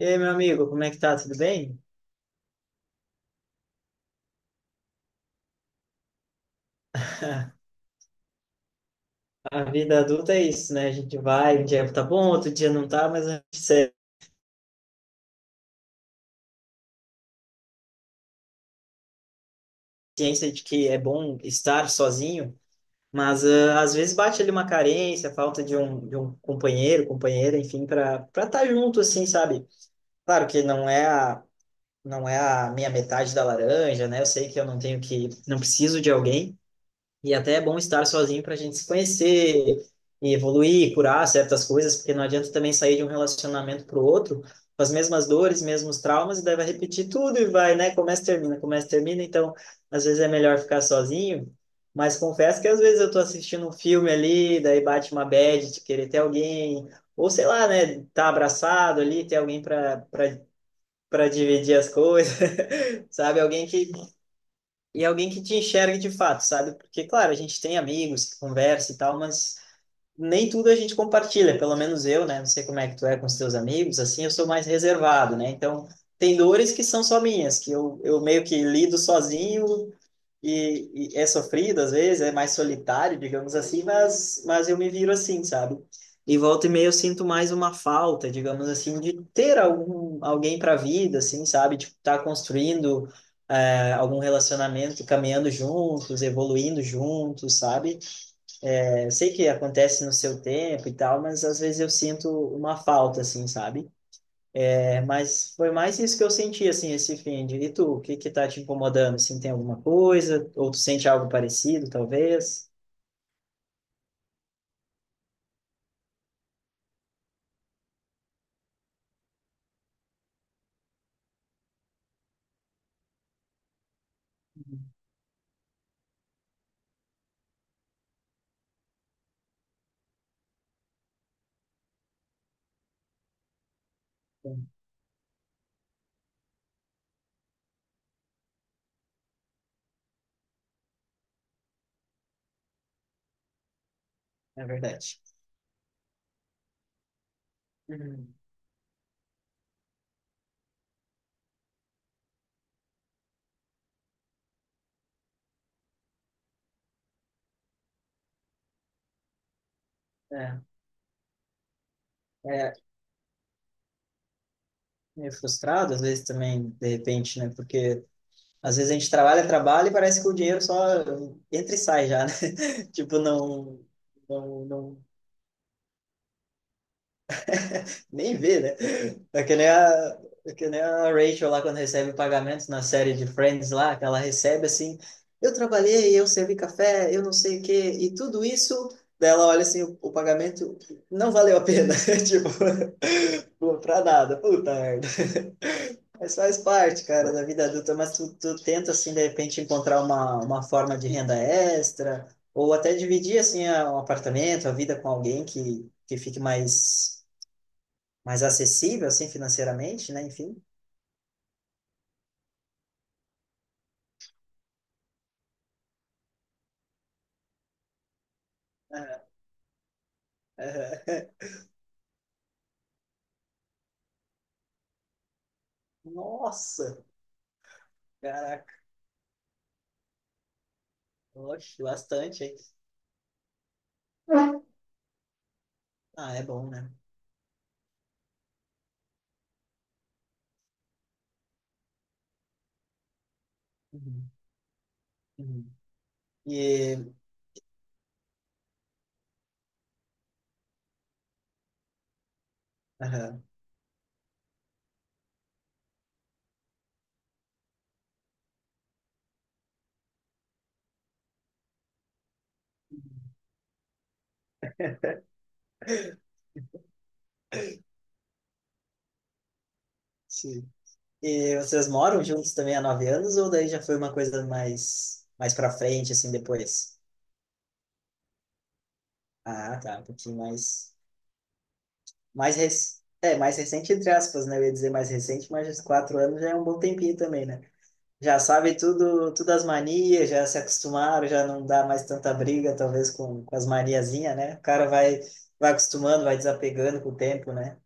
E aí, meu amigo, como é que tá? Tudo bem? A vida adulta é isso, né? A gente vai, um dia tá bom, outro dia não tá, mas a gente tem ciência de que é bom estar sozinho, mas ah, às vezes bate ali uma carência, falta de um companheiro, companheira, enfim, para estar junto, assim, sabe? Claro que não é a minha metade da laranja, né? Eu sei que eu não tenho que, não preciso de alguém. E até é bom estar sozinho para a gente se conhecer e evoluir, curar certas coisas, porque não adianta também sair de um relacionamento para o outro com as mesmas dores, mesmos traumas, e daí vai repetir tudo e vai, né? Começa, termina, começa, termina. Então, às vezes é melhor ficar sozinho. Mas confesso que às vezes eu tô assistindo um filme ali, daí bate uma bad de querer ter alguém, ou sei lá, né? Tá abraçado ali, ter alguém para dividir as coisas, sabe? Alguém que e alguém que te enxergue de fato, sabe? Porque, claro, a gente tem amigos que conversa e tal, mas nem tudo a gente compartilha, pelo menos eu, né? Não sei como é que tu é com os teus amigos, assim, eu sou mais reservado, né? Então, tem dores que são só minhas, que eu meio que lido sozinho e é sofrido às vezes, é mais solitário, digamos assim, mas eu me viro assim, sabe? E volta e meia eu sinto mais uma falta, digamos assim, de ter alguém para a vida, assim, sabe? Tipo, tá construindo algum relacionamento, caminhando juntos, evoluindo juntos, sabe? É, eu sei que acontece no seu tempo e tal, mas às vezes eu sinto uma falta, assim, sabe? É, mas foi mais isso que eu senti, assim, esse fim de... E tu, o que que tá te incomodando? Assim, tem alguma coisa? Ou tu sente algo parecido, talvez? É verdade. Uhum. É, é meio frustrado, às vezes também, de repente, né? Porque às vezes a gente trabalha, trabalha e parece que o dinheiro só entra e sai já, né? Tipo, não, não, não. Nem vê, né? É que nem a, é que nem a, Rachel lá quando recebe pagamentos na série de Friends lá, que ela recebe assim, eu trabalhei, eu servi café, eu não sei o quê, e tudo isso, daí ela olha assim, o pagamento não valeu a pena, tipo, pô, pra nada, puta merda. Mas faz parte, cara, da vida adulta, mas tu tenta, assim, de repente encontrar uma forma de renda extra, ou até dividir, assim, um apartamento, a vida com alguém que fique mais acessível, assim, financeiramente, né? Enfim. Aham, aham. Nossa, caraca, oxe, bastante, hein? Ah, é bom, né? Uhum, uhum. E, aham, sim. E vocês moram juntos também há 9 anos ou daí já foi uma coisa mais para frente assim depois? Ah, tá, um pouquinho mais mais rec... é mais recente entre aspas, né? Eu ia dizer mais recente, mas 4 anos já é um bom tempinho também, né? Já sabe tudo, as manias, já se acostumaram, já não dá mais tanta briga, talvez com, as maniazinhas, né? O cara vai acostumando, vai desapegando com o tempo, né?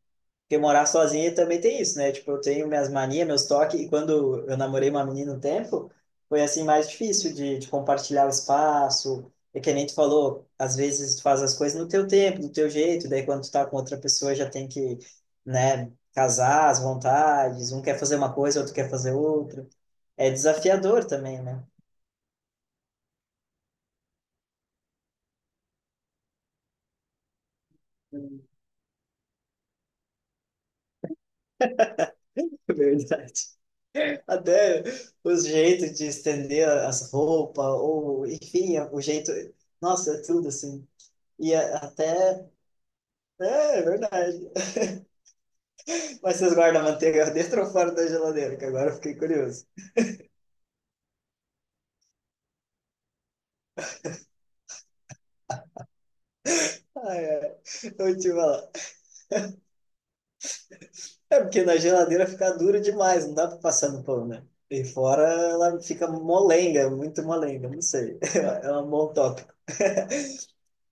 Porque morar sozinho também tem isso, né? Tipo, eu tenho minhas manias, meus toques, e quando eu namorei uma menina um tempo, foi assim mais difícil de compartilhar o espaço. É que nem tu falou, às vezes tu faz as coisas no teu tempo, do teu jeito, daí quando tu tá com outra pessoa já tem que, né, casar as vontades, um quer fazer uma coisa, outro quer fazer outra. É desafiador também, né? É verdade. Até os jeitos de estender as roupas, ou enfim, o jeito. Nossa, é tudo assim. E até. É, é verdade. Mas vocês guardam a manteiga dentro ou fora da geladeira? Que agora eu fiquei curioso. Ai, ai. Eu te falar. É porque na geladeira fica dura demais, não dá pra passar no pão, né? E fora ela fica molenga, muito molenga, não sei. É uma mão top.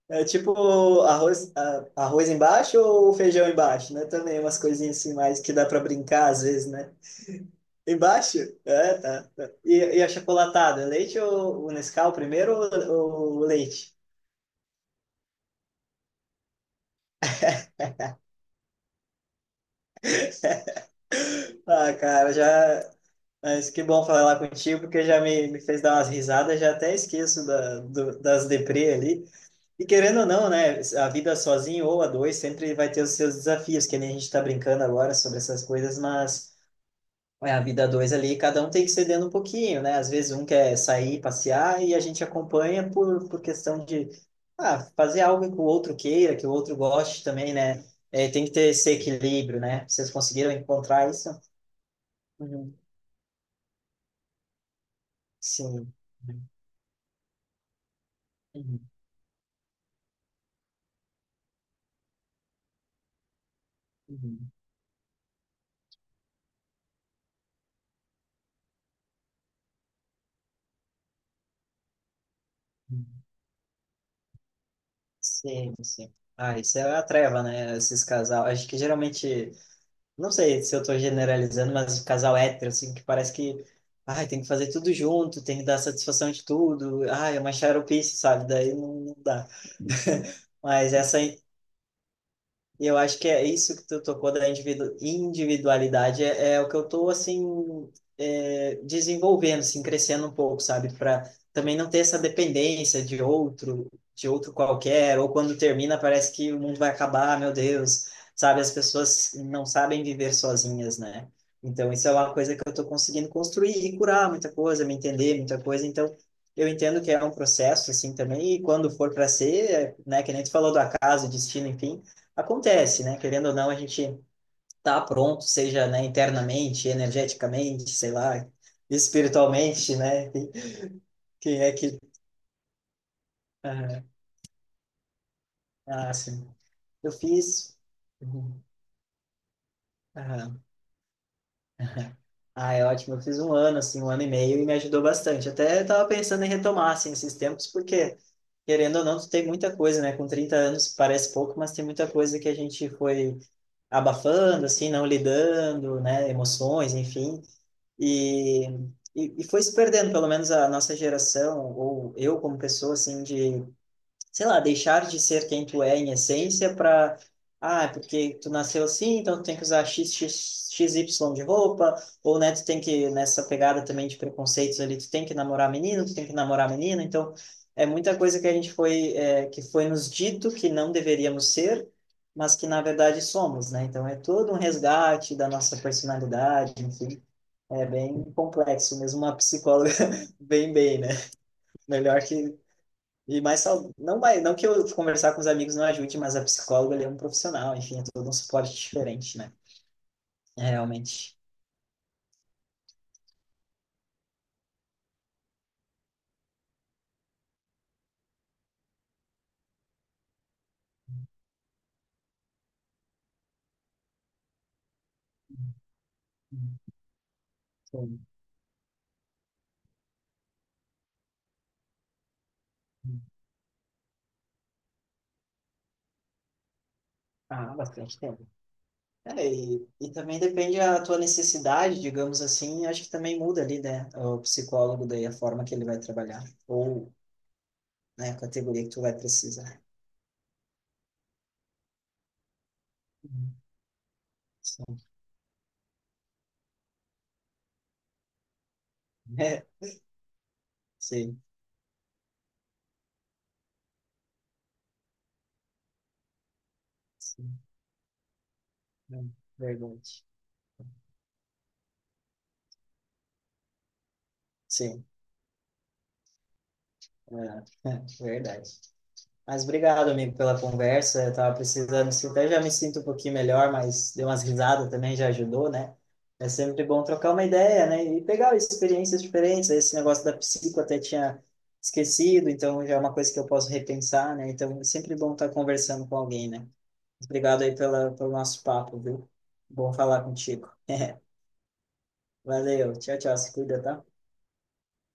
É tipo arroz, arroz embaixo ou feijão embaixo, né? Também umas coisinhas assim mais que dá pra brincar às vezes, né? Embaixo? É, tá. Tá. E a chocolatada? Leite ou o Nescau primeiro ou leite? Ah, cara, já. Mas que bom falar contigo, porque já me, fez dar umas risadas, já até esqueço da, das deprê ali. E querendo ou não, né? A vida sozinho ou a dois sempre vai ter os seus desafios, que nem a gente tá brincando agora sobre essas coisas, mas. É a vida a dois ali, cada um tem que cedendo um pouquinho, né? Às vezes um quer sair, passear e a gente acompanha por questão de ah, fazer algo que o outro queira, que o outro goste também, né? É, tem que ter esse equilíbrio, né? Vocês conseguiram encontrar isso? Uhum. Sim. Uhum. Uhum. Sim, sim. Ah, isso é a treva, né? Esses casal. Acho que geralmente... Não sei se eu tô generalizando, mas casal hétero, assim, que parece que, ai, tem que fazer tudo junto, tem que dar satisfação de tudo, ai, é uma xaropice, sabe? Daí não, não dá. Mas essa, e eu acho que é isso que tu tocou da individualidade, é o que eu tô, assim, é, desenvolvendo, assim, crescendo um pouco, sabe? Para também não ter essa dependência de outro, qualquer, ou quando termina parece que o mundo vai acabar, ah, meu Deus, sabe? As pessoas não sabem viver sozinhas, né? Então, isso é uma coisa que eu tô conseguindo construir e curar muita coisa, me entender muita coisa, então... Eu entendo que é um processo, assim, também, e quando for para ser, é, né, que nem tu falou do acaso, destino, enfim, acontece, né? Querendo ou não, a gente tá pronto, seja, né, internamente, energeticamente, sei lá, espiritualmente, né? quem é que... Aham. Ah, sim. Eu fiz... Uhum. Aham. Ah, é ótimo. Eu fiz um ano, assim, um ano e meio e me ajudou bastante. Até estava pensando em retomar, assim, esses tempos, porque, querendo ou não, tu tem muita coisa, né? Com 30 anos parece pouco, mas tem muita coisa que a gente foi abafando, assim, não lidando, né? Emoções, enfim. E, e foi se perdendo, pelo menos a nossa geração, ou eu como pessoa, assim, de sei lá, deixar de ser quem tu é em essência para, ah, é porque tu nasceu assim, então tu tem que usar x, x, x y de roupa, ou né, tu tem que, nessa pegada também de preconceitos ali, tu tem que namorar menino, tu tem que namorar menina, então é muita coisa que a gente foi, é, que foi nos dito que não deveríamos ser, mas que na verdade somos, né? Então é todo um resgate da nossa personalidade, enfim. É bem complexo, mesmo uma psicóloga bem bem, né? Melhor que e mais não vai, não que eu conversar com os amigos não ajude, mas a psicóloga ali é um profissional, enfim, é todo um suporte diferente, né? É, realmente. Sim. Ah, bastante tempo. É, e também depende da tua necessidade, digamos assim, acho que também muda ali, né? O psicólogo daí a forma que ele vai trabalhar, ou né, a categoria que tu vai precisar. Uhum. Sim. É, sim, sim, é, verdade. Sim, é, é, verdade. Mas obrigado, amigo, pela conversa. Eu tava precisando, assim, até já me sinto um pouquinho melhor, mas deu umas risadas também, já ajudou, né? É sempre bom trocar uma ideia, né? E pegar experiências diferentes. Esse negócio da psico eu até tinha esquecido, então já é uma coisa que eu posso repensar, né? Então é sempre bom estar conversando com alguém, né? Obrigado aí pela, pelo nosso papo, viu? Bom falar contigo. Valeu, tchau, tchau, se cuida, tá?